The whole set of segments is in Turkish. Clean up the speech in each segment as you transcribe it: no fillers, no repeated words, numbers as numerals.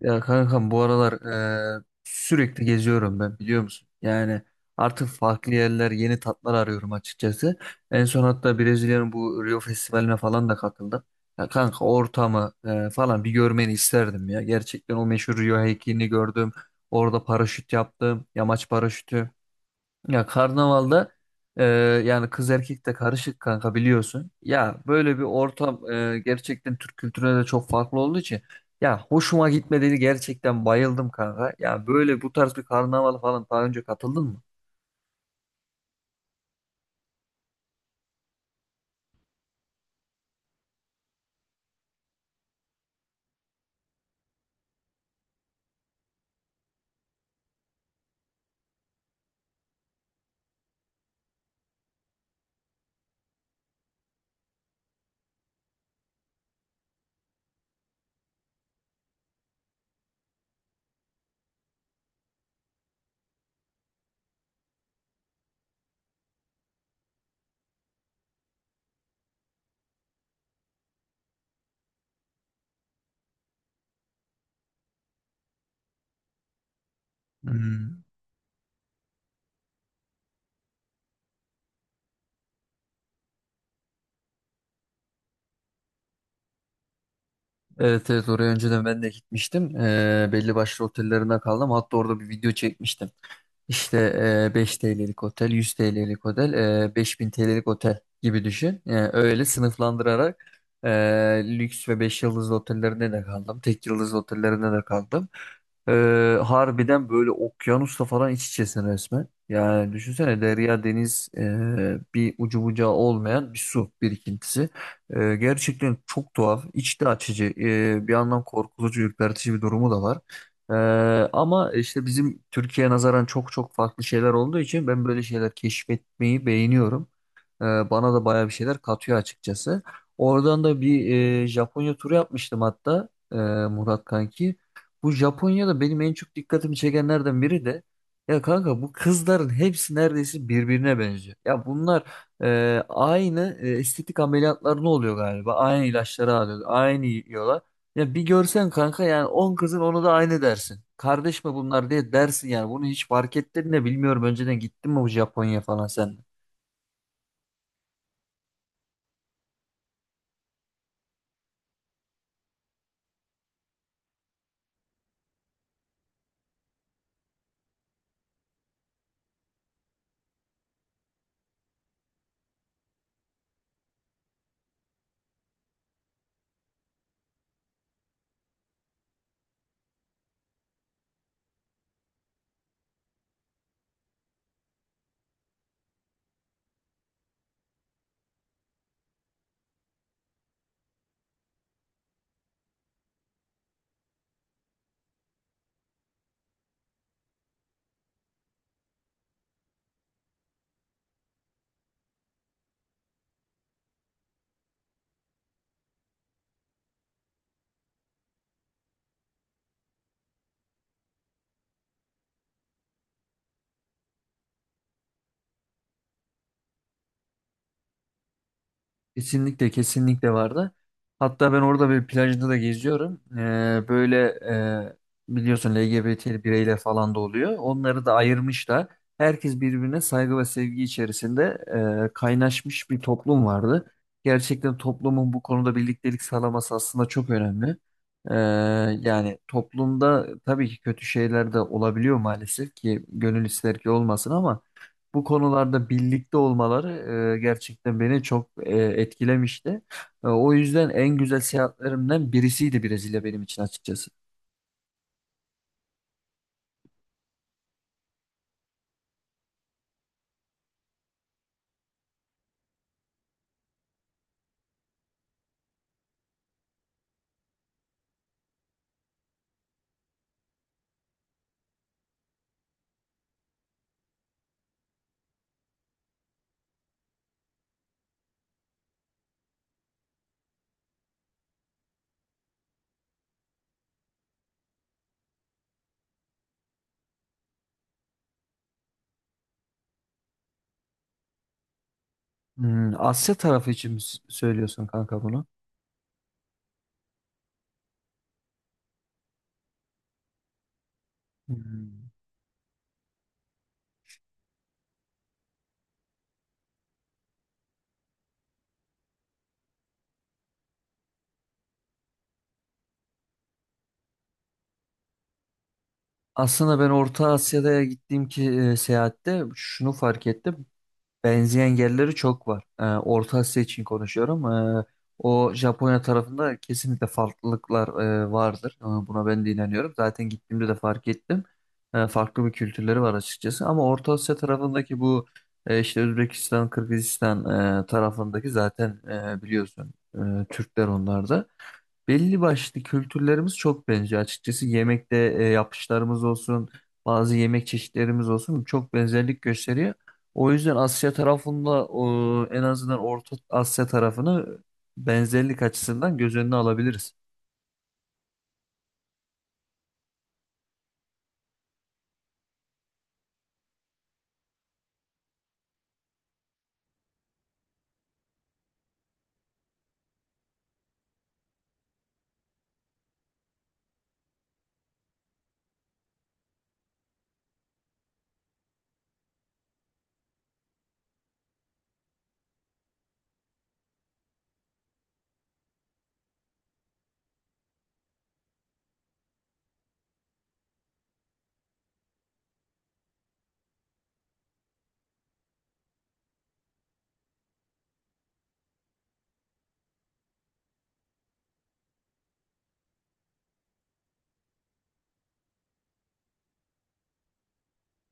Ya kankam bu aralar sürekli geziyorum ben biliyor musun? Yani artık farklı yerler, yeni tatlar arıyorum açıkçası. En son hatta Brezilya'nın bu Rio Festivali'ne falan da katıldım. Ya kanka ortamı falan bir görmeni isterdim ya. Gerçekten o meşhur Rio heykelini gördüm. Orada paraşüt yaptım. Yamaç paraşütü. Ya karnavalda e, yani kız erkek de karışık kanka biliyorsun. Ya böyle bir ortam gerçekten Türk kültürüne de çok farklı olduğu için ya hoşuma gitmedi gerçekten bayıldım kanka. Ya böyle bu tarz bir karnaval falan daha önce katıldın mı? Hmm. Evet, evet, oraya önceden ben de gitmiştim. Belli başlı otellerinden kaldım. Hatta orada bir video çekmiştim. İşte 5 TL'lik otel, 100 TL'lik otel, 5.000 TL'lik otel gibi düşün. Öyle sınıflandırarak e, lüks ve 5 yıldızlı otellerinde de kaldım. Tek yıldızlı otellerinde de kaldım. E, harbiden böyle okyanusla falan iç içesin resmen. Yani düşünsene derya deniz, bir ucu bucağı olmayan bir su birikintisi. Gerçekten çok tuhaf, içli açıcı, bir yandan korkutucu, ürpertici bir durumu da var. Ee, Ama işte bizim Türkiye'ye nazaran çok çok farklı şeyler olduğu için ben böyle şeyler keşfetmeyi beğeniyorum. Bana da baya bir şeyler katıyor açıkçası. Oradan da bir Japonya turu yapmıştım hatta, Murat kanki. Bu Japonya'da benim en çok dikkatimi çekenlerden biri de ya kanka bu kızların hepsi neredeyse birbirine benziyor. Ya bunlar aynı estetik ameliyatları ne oluyor galiba? Aynı ilaçları alıyor, aynı yiyorlar. Ya bir görsen kanka, yani 10 kızın onu da aynı dersin. Kardeş mi bunlar diye dersin yani. Bunu hiç fark ettin de bilmiyorum, önceden gittin mi bu Japonya falan sen? Kesinlikle, kesinlikle vardı. Hatta ben orada bir plajda da geziyorum. Böyle e, biliyorsun LGBT bireyler falan da oluyor. Onları da ayırmışlar. Herkes birbirine saygı ve sevgi içerisinde kaynaşmış bir toplum vardı. Gerçekten toplumun bu konuda birliktelik sağlaması aslında çok önemli. Ee, Yani toplumda tabii ki kötü şeyler de olabiliyor, maalesef ki gönül ister ki olmasın, ama bu konularda birlikte olmaları gerçekten beni çok etkilemişti. O yüzden en güzel seyahatlerimden birisiydi Brezilya benim için açıkçası. Hmm, Asya tarafı için mi söylüyorsun kanka bunu? Hmm. Aslında ben Orta Asya'da gittiğim ki seyahatte şunu fark ettim. Benzeyen yerleri çok var. Orta Asya için konuşuyorum. O Japonya tarafında kesinlikle farklılıklar vardır. Buna ben de inanıyorum. Zaten gittiğimde de fark ettim. Farklı bir kültürleri var açıkçası. Ama Orta Asya tarafındaki bu işte Özbekistan, Kırgızistan tarafındaki zaten biliyorsun Türkler onlar da. Belli başlı kültürlerimiz çok benziyor. Açıkçası yemekte yapışlarımız olsun, bazı yemek çeşitlerimiz olsun çok benzerlik gösteriyor. O yüzden Asya tarafında, o, en azından Orta Asya tarafını benzerlik açısından göz önüne alabiliriz.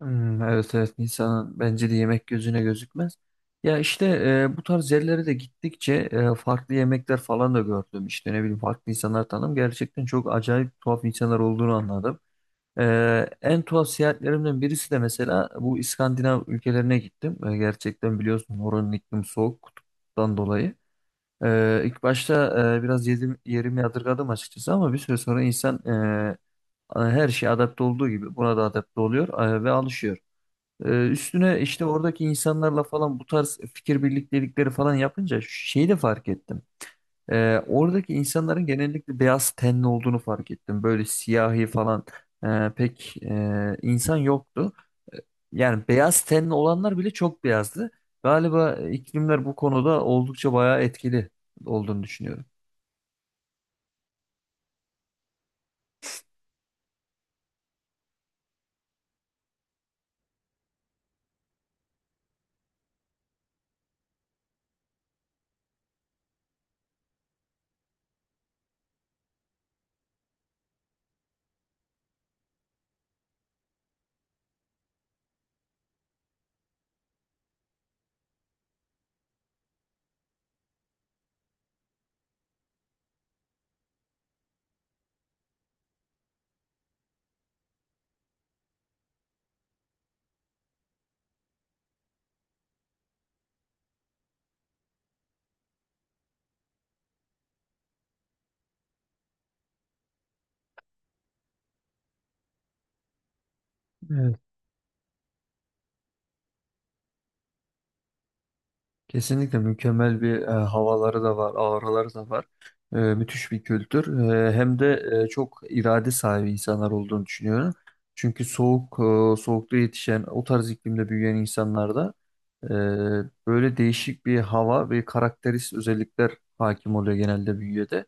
Hmm, evet, evet, insanın bence de yemek gözüne gözükmez. Ya işte bu tarz yerlere de gittikçe farklı yemekler falan da gördüm. İşte ne bileyim farklı insanlar tanıdım. Gerçekten çok acayip tuhaf insanlar olduğunu anladım. En tuhaf seyahatlerimden birisi de mesela bu İskandinav ülkelerine gittim. Gerçekten biliyorsun oranın iklimi soğuk kutuptan dolayı. İlk başta biraz yedim, yerimi yadırgadım açıkçası, ama bir süre sonra insan her şeye adapte olduğu gibi buna da adapte oluyor ve alışıyor. Üstüne işte oradaki insanlarla falan bu tarz fikir birliktelikleri falan yapınca şeyi de fark ettim. Oradaki insanların genellikle beyaz tenli olduğunu fark ettim. Böyle siyahi falan pek insan yoktu. E, Yani beyaz tenli olanlar bile çok beyazdı. Galiba iklimler bu konuda oldukça bayağı etkili olduğunu düşünüyorum. Evet. Kesinlikle mükemmel bir havaları da var, ağrıları da var. Müthiş bir kültür. Hem de çok irade sahibi insanlar olduğunu düşünüyorum. Çünkü soğuk, soğukta yetişen, o tarz iklimde büyüyen insanlarda böyle değişik bir hava ve karakterist özellikler hakim oluyor genelde bünyede.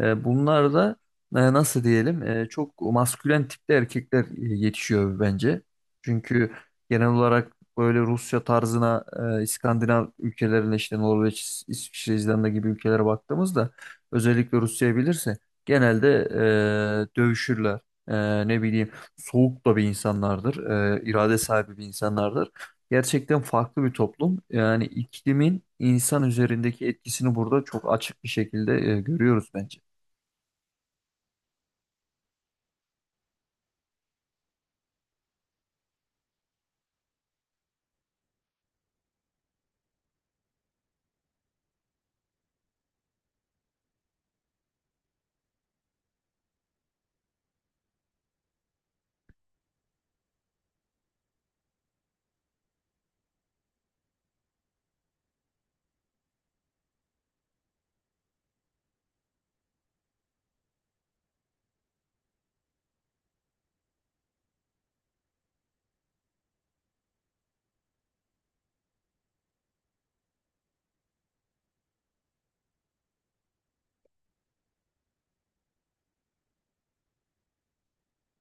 Bunlar da nasıl diyelim, çok maskülen tipte erkekler yetişiyor bence. Çünkü genel olarak böyle Rusya tarzına, İskandinav ülkelerine, işte Norveç, İsviçre, İzlanda gibi ülkelere baktığımızda, özellikle Rusya'yı bilirse genelde dövüşürler. Ne bileyim, soğuk da bir insanlardır. E, irade sahibi bir insanlardır. Gerçekten farklı bir toplum. Yani iklimin insan üzerindeki etkisini burada çok açık bir şekilde görüyoruz bence.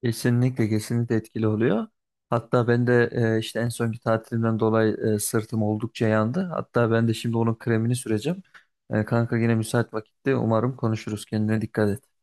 Kesinlikle, kesinlikle etkili oluyor. Hatta ben de işte en sonki tatilimden dolayı sırtım oldukça yandı. Hatta ben de şimdi onun kremini süreceğim. Kanka yine müsait vakitte umarım konuşuruz. Kendine dikkat et.